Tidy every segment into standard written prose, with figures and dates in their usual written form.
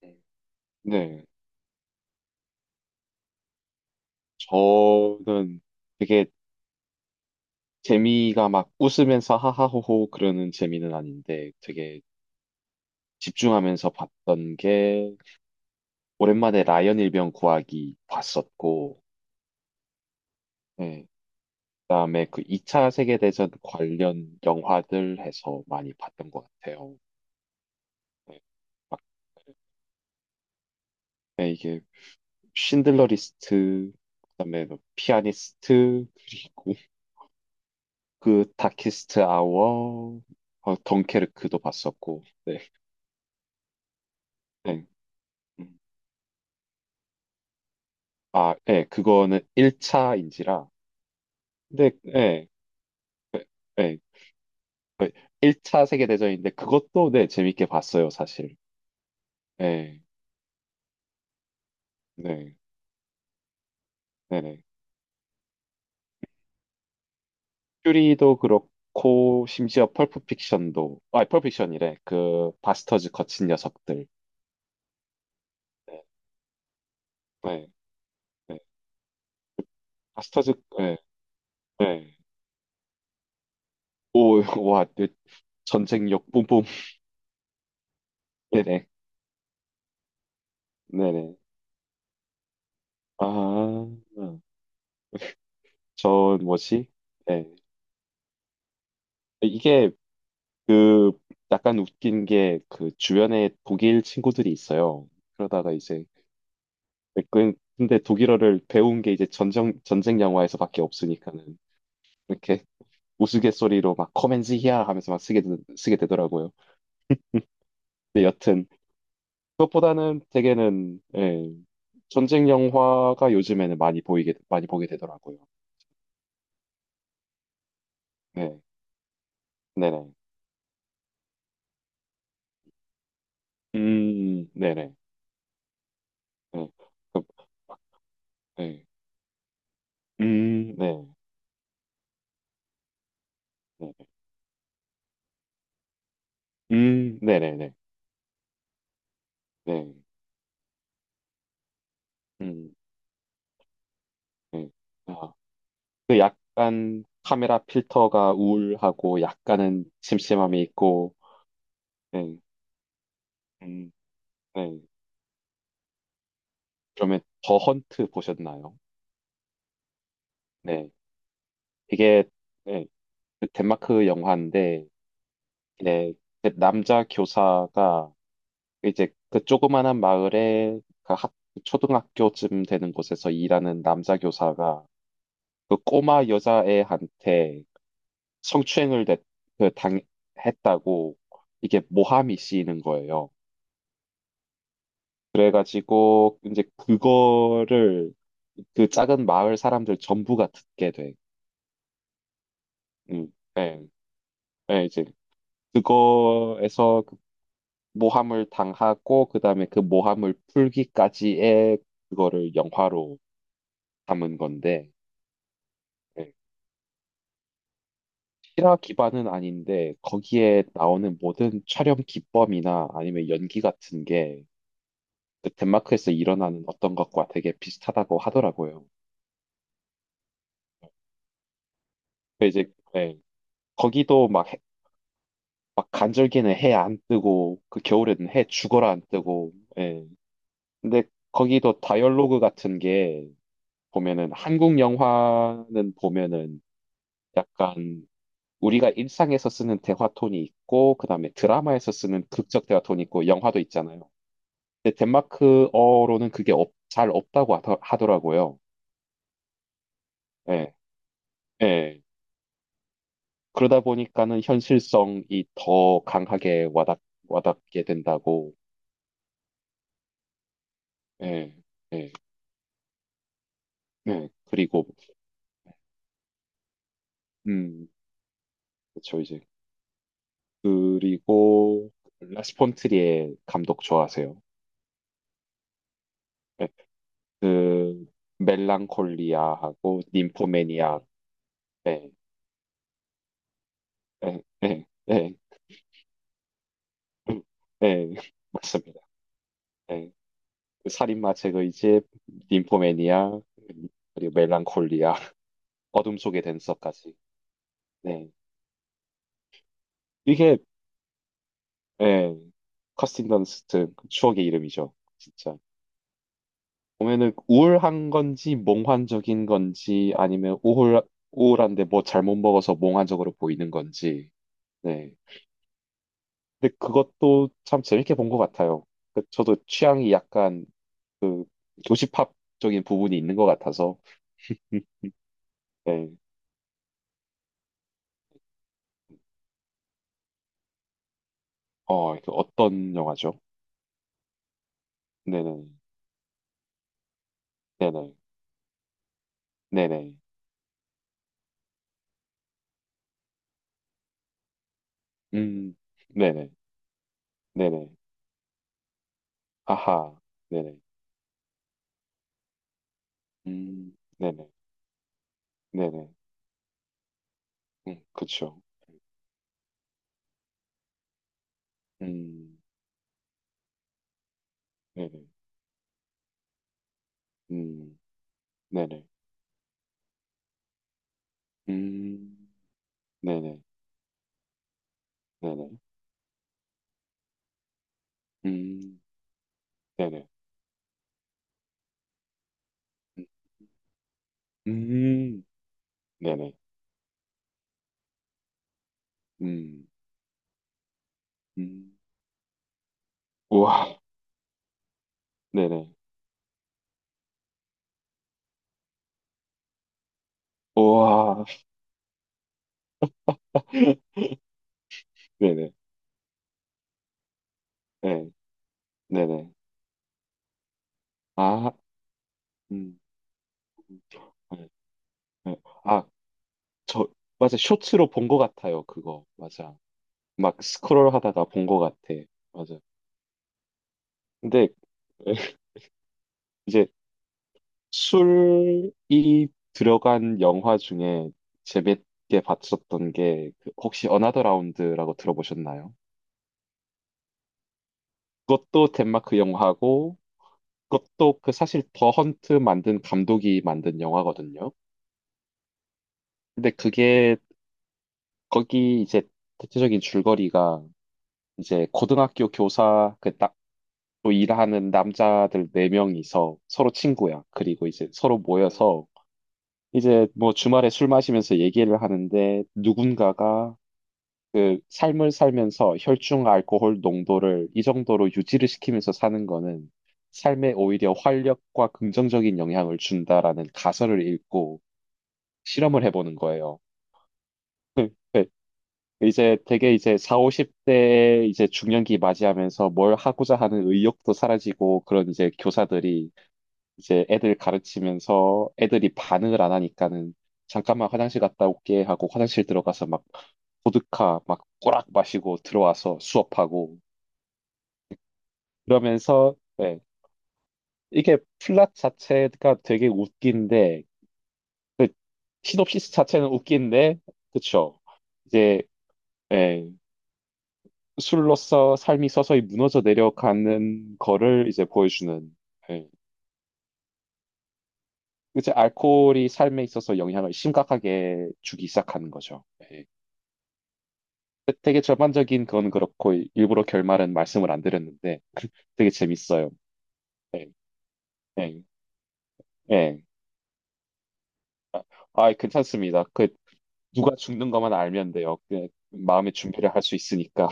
네. 네. 저는 되게 재미가 막 웃으면서 하하호호 그러는 재미는 아닌데 되게 집중하면서 봤던 게 오랜만에 라이언 일병 구하기 봤었고, 네. 그다음에 그 2차 세계대전 관련 영화들 해서 많이 봤던 것 같아요. 네. 막 네, 이게 신들러 리스트, 그다음에 뭐 피아니스트, 그리고 그 다키스트 아워, 어, 덩케르크도 봤었고, 네. 네. 음. 아, 예, 그거는 1차인지라. 근데, 예, 예, 예, 그 1차 세계대전인데 그것도, 네, 재밌게 봤어요, 사실. 예, 네, 네네. 퓨리도 그렇고, 심지어 펄프픽션도, 아, 펄프픽션이래. 그, 바스터즈 거친 녀석들. 네, 네, 네. 바스터즈, 네 네 오, 와, 네, 전쟁력 뿜뿜. 네네, 네네. 아, 전 뭐지? 네. 이게, 그 약간 웃긴 게 그 주변에 독일 친구들이 있어요. 그러다가 이제 근데 독일어를 배운 게 이제 전쟁 영화에서밖에 없으니까는 이렇게 우스갯소리로 막 커맨지 히야 하면서 막 쓰게 되더라고요. 근데 여튼 그것보다는 되게는 예, 전쟁 영화가 요즘에는 많이 보이게 많이 보게 되더라고요. 네, 네네, 네네, 네, 그- 네, 네, 네, 네네네, 네, 음. 음. 아, 그 약간 카메라 필터가 우울하고 약간은 심심함이 있고, 네, 음, 네. 그러면 더 헌트 보셨나요? 네, 이게 네, 그 덴마크 영화인데, 네, 그 남자 교사가 이제 그 조그만한 마을에 초등학교쯤 되는 곳에서 일하는 남자 교사가 그 꼬마 여자애한테 성추행을 냈- 그 당, 했다고 이게 모함이 씌이는 거예요. 그래가지고 이제 그거를 그 작은 마을 사람들 전부가 듣게 돼. 음, 네, 네, 이제 그거에서 그 모함을 당하고 그다음에 그 모함을 풀기까지의 그거를 영화로 담은 건데 네. 실화 기반은 아닌데 거기에 나오는 모든 촬영 기법이나 아니면 연기 같은 게그 덴마크에서 일어나는 어떤 것과 되게 비슷하다고 하더라고요. 근데 이제 네, 거기도 막 막 간절기는 해 안 뜨고 그 겨울에는 해 죽어라 안 뜨고 예. 근데 거기도 다이얼로그 같은 게 보면은 한국 영화는 보면은 약간 우리가 일상에서 쓰는 대화 톤이 있고 그다음에 드라마에서 쓰는 극적 대화 톤이 있고 영화도 있잖아요. 근데 덴마크어로는 그게 잘 없다고 하더라고요. 예. 예. 그러다 보니까는 현실성이 더 강하게 와닿게 된다고. 예. 예. 네, 그리고 음, 그렇죠 이제 그리고 라스 폰트리에 감독 좋아하세요? 네, 그 멜랑콜리아하고 ним포매니아 네, 네, 네, 네, 음, 네, 맞습니다. 네. 그 살인마 제거의 집, ним포매니아 그리고 멜랑콜리아 어둠 속의 댄서까지. 네, 이게 네, 커스틴 던스트 추억의 이름이죠, 진짜. 보면은 우울한 건지 몽환적인 건지 아니면 우울 우울한데 뭐 잘못 먹어서 몽환적으로 보이는 건지 네 근데 그것도 참 재밌게 본 것 같아요 그- 저도 취향이 약간 교시팝적인 부분이 있는 것 같아서 네. 어, 그 어떤 영화죠? 네네, 네네, 네네, 음, 네네, 네네, 아하, 네네, 네네, 네네, 그쵸, 음, 네네, 음, 네네, 음. 네네, 네네, 음, 네네, 음, 네네, 음, 음, 우와, 네네, 우와, 네네, 네, 네네, 아, 음, 네, 네. 아, 저, 맞아, 쇼츠로 본 것 같아요, 그거, 맞아. 막 스크롤 하다가 본 것 같아, 맞아. 근데 이제 술이 들어간 영화 중에 재밌게 봤었던 게그 혹시 어나더 라운드라고 들어보셨나요? 그것도 덴마크 영화고, 그것도 그 사실 더 헌트 만든 감독이 만든 영화거든요. 근데 그게 거기 이제 대체적인 줄거리가 이제 고등학교 교사 그 딱 또 일하는 남자들 네 명이서 서로 친구야. 그리고 이제 서로 모여서 이제 뭐 주말에 술 마시면서 얘기를 하는데 누군가가 그 삶을 살면서 혈중 알코올 농도를 이 정도로 유지를 시키면서 사는 거는 삶에 오히려 활력과 긍정적인 영향을 준다라는 가설을 읽고 실험을 해보는 거예요. 네, 이제 되게 이제 4, 50대 이제 중년기 맞이하면서 뭘 하고자 하는 의욕도 사라지고 그런 이제 교사들이 이제 애들 가르치면서 애들이 반응을 안 하니까는 잠깐만 화장실 갔다 올게 하고 화장실 들어가서 막 보드카 막 꼬락 마시고 들어와서 수업하고 그러면서 네, 이게 플랫 자체가 되게 웃긴데 그 시놉시스 자체는 웃긴데 그쵸 이제 예, 술로서 삶이 서서히 무너져 내려가는 거를 이제 보여주는 예. 이제 알코올이 삶에 있어서 영향을 심각하게 주기 시작하는 거죠. 예. 되게 전반적인 건 그렇고 일부러 결말은 말씀을 안 드렸는데 되게 재밌어요. 예, 예, 예. 아, 아이, 괜찮습니다. 그 누가 죽는 것만 알면 돼요. 그 마음의 준비를 할 수 있으니까.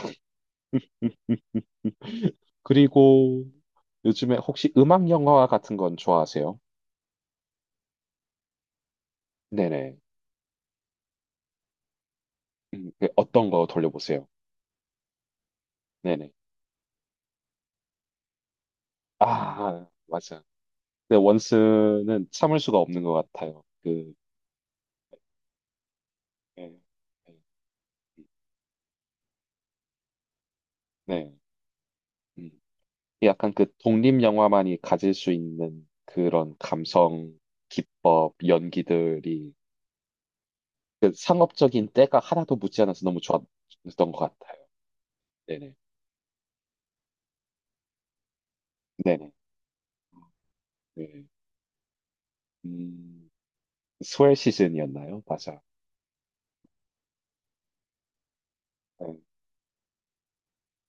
그리고 요즘에 혹시 음악 영화 같은 건 좋아하세요? 네네. 그 어떤 거 돌려보세요? 네네. 아, 맞아. 근데 원스는 참을 수가 없는 것 같아요. 그, 네. 네. 네. 음. 약간 그 독립 영화만이 가질 수 있는 그런 감성, 기법, 연기들이 그 상업적인 때가 하나도 묻지 않아서 너무 좋았던 것 같아요. 네네. 네네. 네. 음, 스웰 시즌이었나요? 맞아. 네.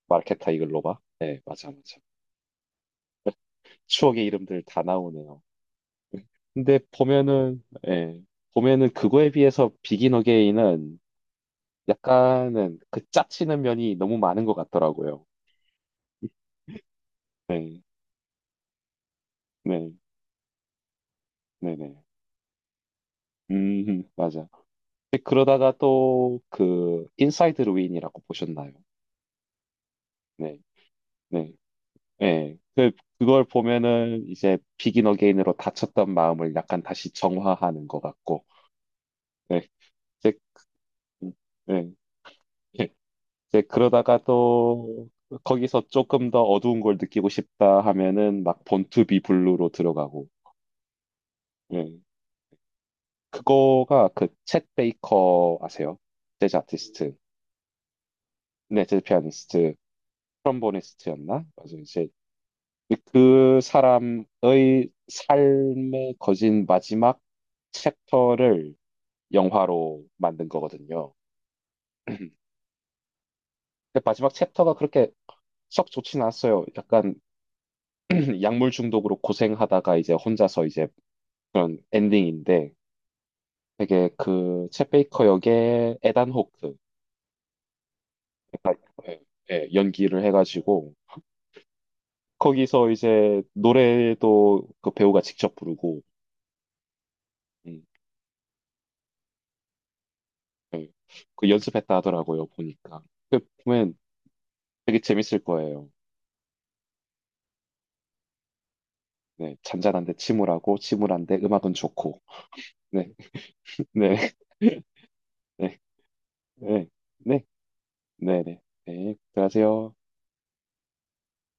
마르케타 이글로바? 네, 맞아, 맞아. 추억의 이름들 다 나오네요. 근데 보면은, 예, 보면은 그거에 비해서 비긴 어게인은 약간은 그 짜치는 면이 너무 많은 것 같더라고요. 네, 네, 네네. 맞아. 근데 그러다가 또 그 인사이드 루인이라고 보셨나요? 네, 네, 네. 그 그걸 보면은 이제 비긴 어게인으로 다쳤던 마음을 약간 다시 정화하는 것 같고, 네, 이제, 네, 예. 이제 그러다가 또 거기서 조금 더 어두운 걸 느끼고 싶다 하면은 막 본투비 블루로 들어가고, 네, 그거가 그 챗 베이커 아세요? 재즈 아티스트, 네, 재즈 피아니스트. 트럼보니스트였나? 맞아 이제 그 사람의 삶에 거진 마지막 챕터를 영화로 만든 거거든요. 근데 마지막 챕터가 그렇게 썩 좋진 않았어요. 약간 약물 중독으로 고생하다가 이제 혼자서 이제 그런 엔딩인데 되게 그챗 베이커 역의 에단 호크 약간, 예, 예, 연기를 해가지고 거기서 이제 노래도 그 배우가 직접 부르고 음, 예, 그 연습했다 하더라고요 보니까 그 보면 되게 재밌을 거예요. 네, 잔잔한데 침울하고 침울한데 음악은 좋고. 네, 네, 네, 네, 네, 네, 네, 네. 네, 들어가세요.